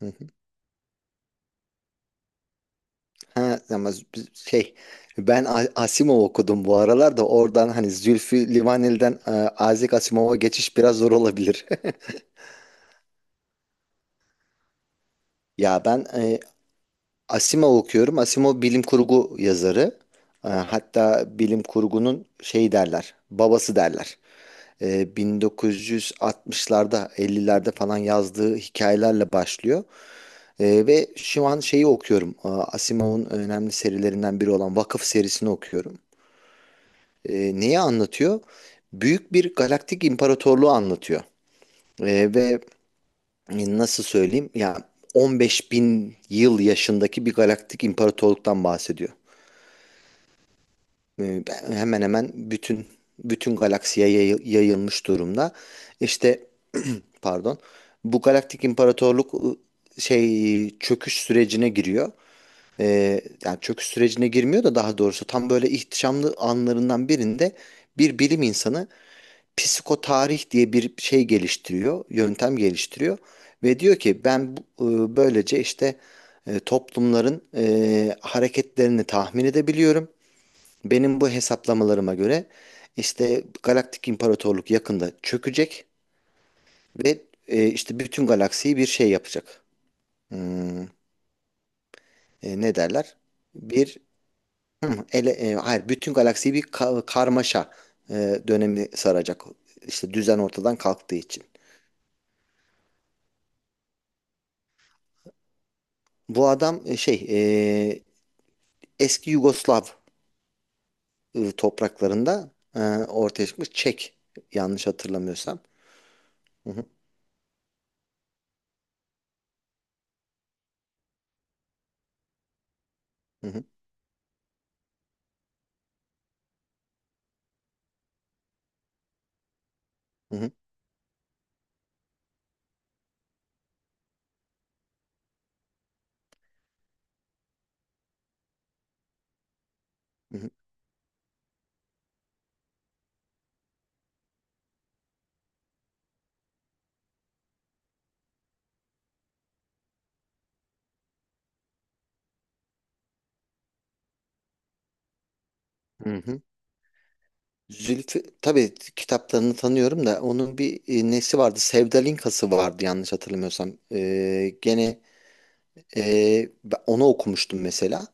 Hı hı. Ha ama ben Asimov okudum bu aralar da oradan hani Zülfü Livaneli'den Isaac Asimov'a geçiş biraz zor olabilir. Ya ben Asimov okuyorum. Asimov bilim kurgu yazarı. Hatta bilim kurgunun babası derler. 1960'larda, 50'lerde falan yazdığı hikayelerle başlıyor. Ve şu an şeyi okuyorum. Asimov'un önemli serilerinden biri olan Vakıf serisini okuyorum. Ee, neyi anlatıyor? Büyük bir galaktik imparatorluğu anlatıyor. Ve nasıl söyleyeyim? Ya 15 bin yıl yaşındaki bir galaktik imparatorluktan bahsediyor. Hemen hemen bütün galaksiye yayılmış durumda. İşte pardon. Bu galaktik imparatorluk çöküş sürecine giriyor. Yani çöküş sürecine girmiyor da daha doğrusu tam böyle ihtişamlı anlarından birinde bir bilim insanı psikotarih diye bir şey geliştiriyor, yöntem geliştiriyor ve diyor ki ben böylece işte toplumların hareketlerini tahmin edebiliyorum. Benim bu hesaplamalarıma göre işte Galaktik İmparatorluk yakında çökecek ve işte bütün galaksiyi bir şey yapacak. Hmm, ne derler? Bir hı, ele, e, hayır bütün galaksiyi bir karmaşa e, dönemi saracak. İşte düzen ortadan kalktığı için. Bu adam e, eski Yugoslav topraklarında ortaya çıkmış Çek, yanlış hatırlamıyorsam. Hı hı, hı hı, hı hı, hı hı, hı hı. Zülfü tabii kitaplarını tanıyorum da onun bir nesi vardı? Sevdalinkası vardı yanlış hatırlamıyorsam. Gene e, ben onu okumuştum mesela.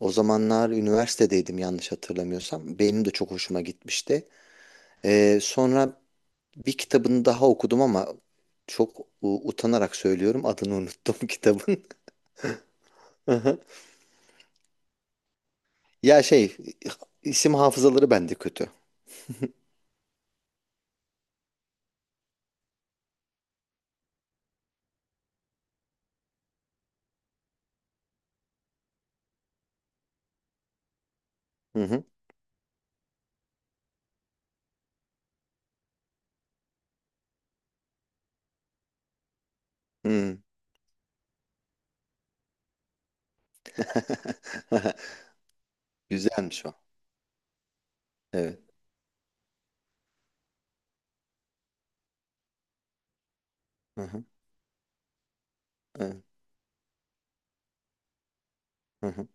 O zamanlar üniversitedeydim, yanlış hatırlamıyorsam. Benim de çok hoşuma gitmişti. Sonra bir kitabını daha okudum ama çok utanarak söylüyorum, adını unuttum kitabın. Hı hı. Ya, isim hafızaları bende kötü. Hı hı. Hı. Güzelmiş o. Evet. Hı hı. Evet. Hı hı.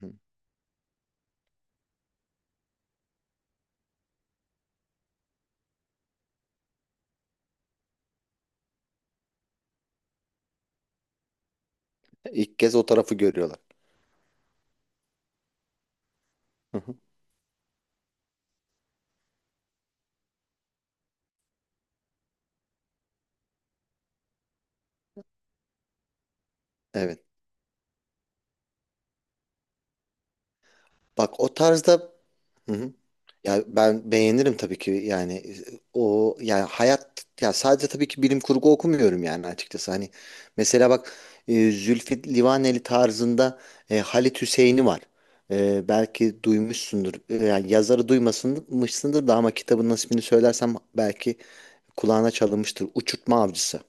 Hı. İlk kez o tarafı görüyorlar. Hı hı. Evet. Bak o tarzda, hı hı. Ya ben beğenirim tabii ki, yani o yani hayat ya, sadece tabii ki bilim kurgu okumuyorum yani, açıkçası, hani mesela bak, Zülfü Livaneli tarzında, Halit Hüseyin'i var. Belki duymuşsundur. Yani yazarı duymasınmışsındır da, ama kitabın ismini söylersem belki kulağına çalınmıştır. Uçurtma Avcısı.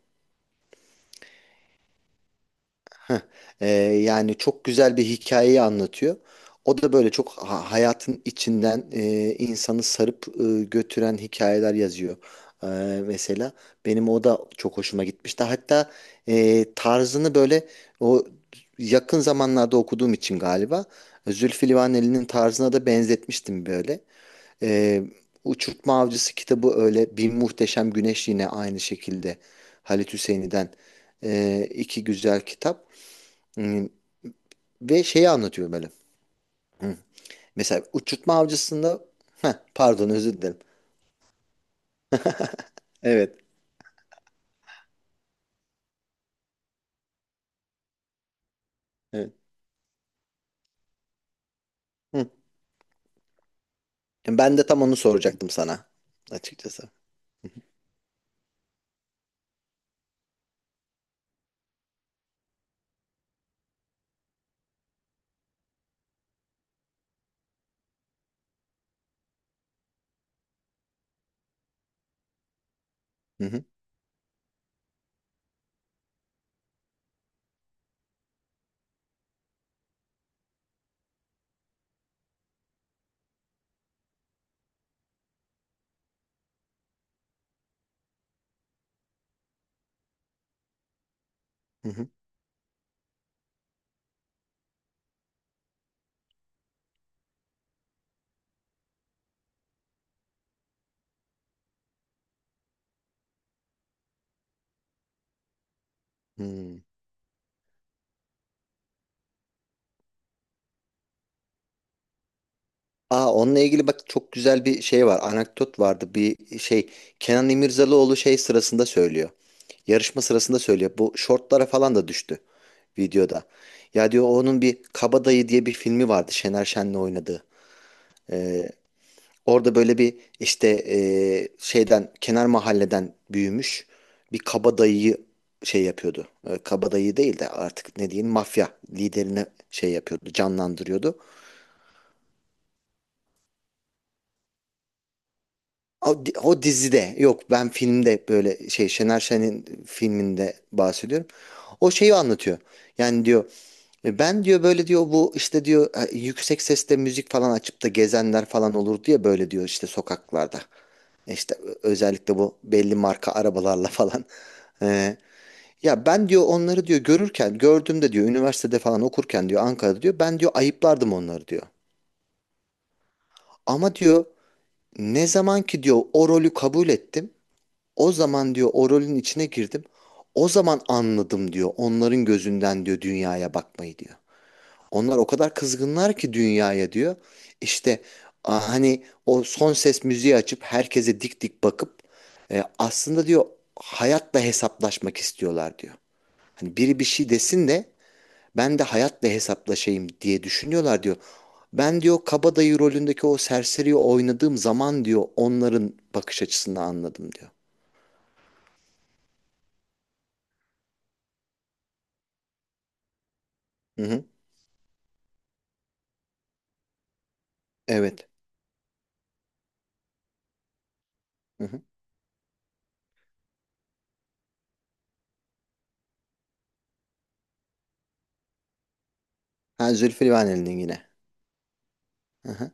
Ee, yani çok güzel bir hikayeyi anlatıyor. O da böyle çok hayatın içinden insanı sarıp götüren hikayeler yazıyor. Ee, mesela benim o da çok hoşuma gitmişti. Hatta tarzını böyle, o yakın zamanlarda okuduğum için galiba, Zülfü Livaneli'nin tarzına da benzetmiştim böyle. Ee, Uçurtma Avcısı kitabı öyle. Bir Muhteşem Güneş yine aynı şekilde. Halit Hüseyni'den iki güzel kitap. Hmm, Ve şeyi anlatıyor böyle. Hı. Mesela Uçurtma Avcısı'nda, pardon, özür dilerim. Evet. Evet. Hı. Yani ben de tam onu soracaktım sana, açıkçası. Hı hı. Hı hı. Hı. Onunla ilgili bak, çok güzel bir şey var. Anekdot vardı. Bir şey Kenan İmirzalıoğlu şey sırasında söylüyor. Yarışma sırasında söylüyor. Bu şortlara falan da düştü videoda. Ya diyor, onun bir Kabadayı diye bir filmi vardı, Şener Şen'le oynadığı. Ee, orada böyle bir işte, şeyden kenar mahalleden büyümüş bir kabadayıyı şey yapıyordu. Kabadayı değil de artık ne diyeyim, mafya liderine şey yapıyordu, canlandırıyordu. O dizide yok, ben filmde böyle, Şener Şen'in filminde bahsediyorum. O şeyi anlatıyor. Yani diyor, "Ben diyor böyle, diyor bu işte, diyor yüksek sesle müzik falan açıp da gezenler falan olur diye, böyle diyor, işte sokaklarda. İşte özellikle bu belli marka arabalarla falan. E, ya ben diyor onları, diyor gördüğümde, diyor üniversitede falan okurken diyor, Ankara'da diyor, ben diyor ayıplardım onları diyor. Ama diyor, ne zaman ki diyor o rolü kabul ettim. O zaman diyor o rolün içine girdim. O zaman anladım diyor. Onların gözünden diyor, dünyaya bakmayı diyor. Onlar o kadar kızgınlar ki dünyaya diyor. İşte hani o son ses müziği açıp herkese dik dik bakıp aslında diyor, hayatla hesaplaşmak istiyorlar diyor. Hani biri bir şey desin de, ben de hayatla hesaplaşayım diye düşünüyorlar diyor. Ben diyor, kabadayı rolündeki o serseriyi oynadığım zaman diyor, onların bakış açısını anladım diyor. Hı hı. Evet. Hı hı. Ha, Zülfü Livaneli'nin yine. Hı hı.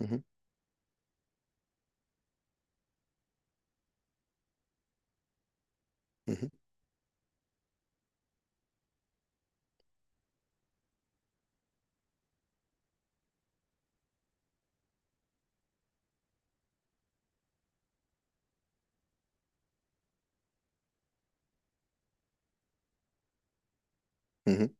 Hı hı. Hı hı. Hı hı.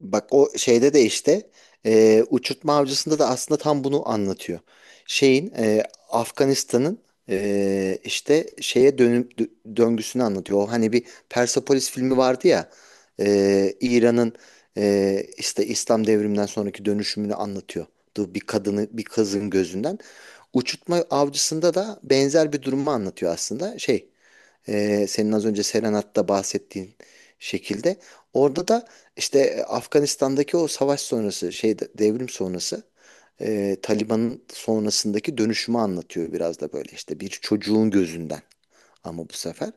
Bak o şeyde de işte, Uçurtma Avcısı'nda da aslında tam bunu anlatıyor. Şeyin e, Afganistan'ın işte dönüp döngüsünü anlatıyor. O hani bir Persepolis filmi vardı ya, İran'ın işte İslam devriminden sonraki dönüşümünü anlatıyor. Bir kızın gözünden. Uçurtma Avcısı'nda da benzer bir durumu anlatıyor aslında. Senin az önce Serenat'ta bahsettiğin şekilde. Orada da işte Afganistan'daki o savaş sonrası, devrim sonrası, Taliban'ın sonrasındaki dönüşümü anlatıyor, biraz da böyle işte bir çocuğun gözünden, ama bu sefer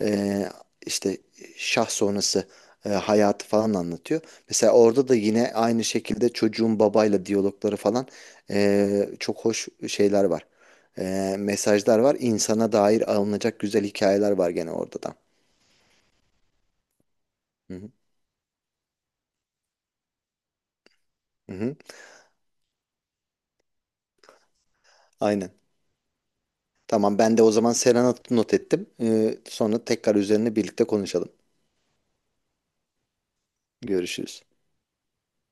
e, işte şah sonrası hayatı falan anlatıyor. Mesela orada da yine aynı şekilde çocuğun babayla diyalogları falan, çok hoş şeyler var. Mesajlar var. İnsana dair alınacak güzel hikayeler var gene orada da. Hı hı. Hı hı. Aynen. Tamam, ben de o zaman Serenat'ı not ettim. Sonra tekrar üzerine birlikte konuşalım. Görüşürüz.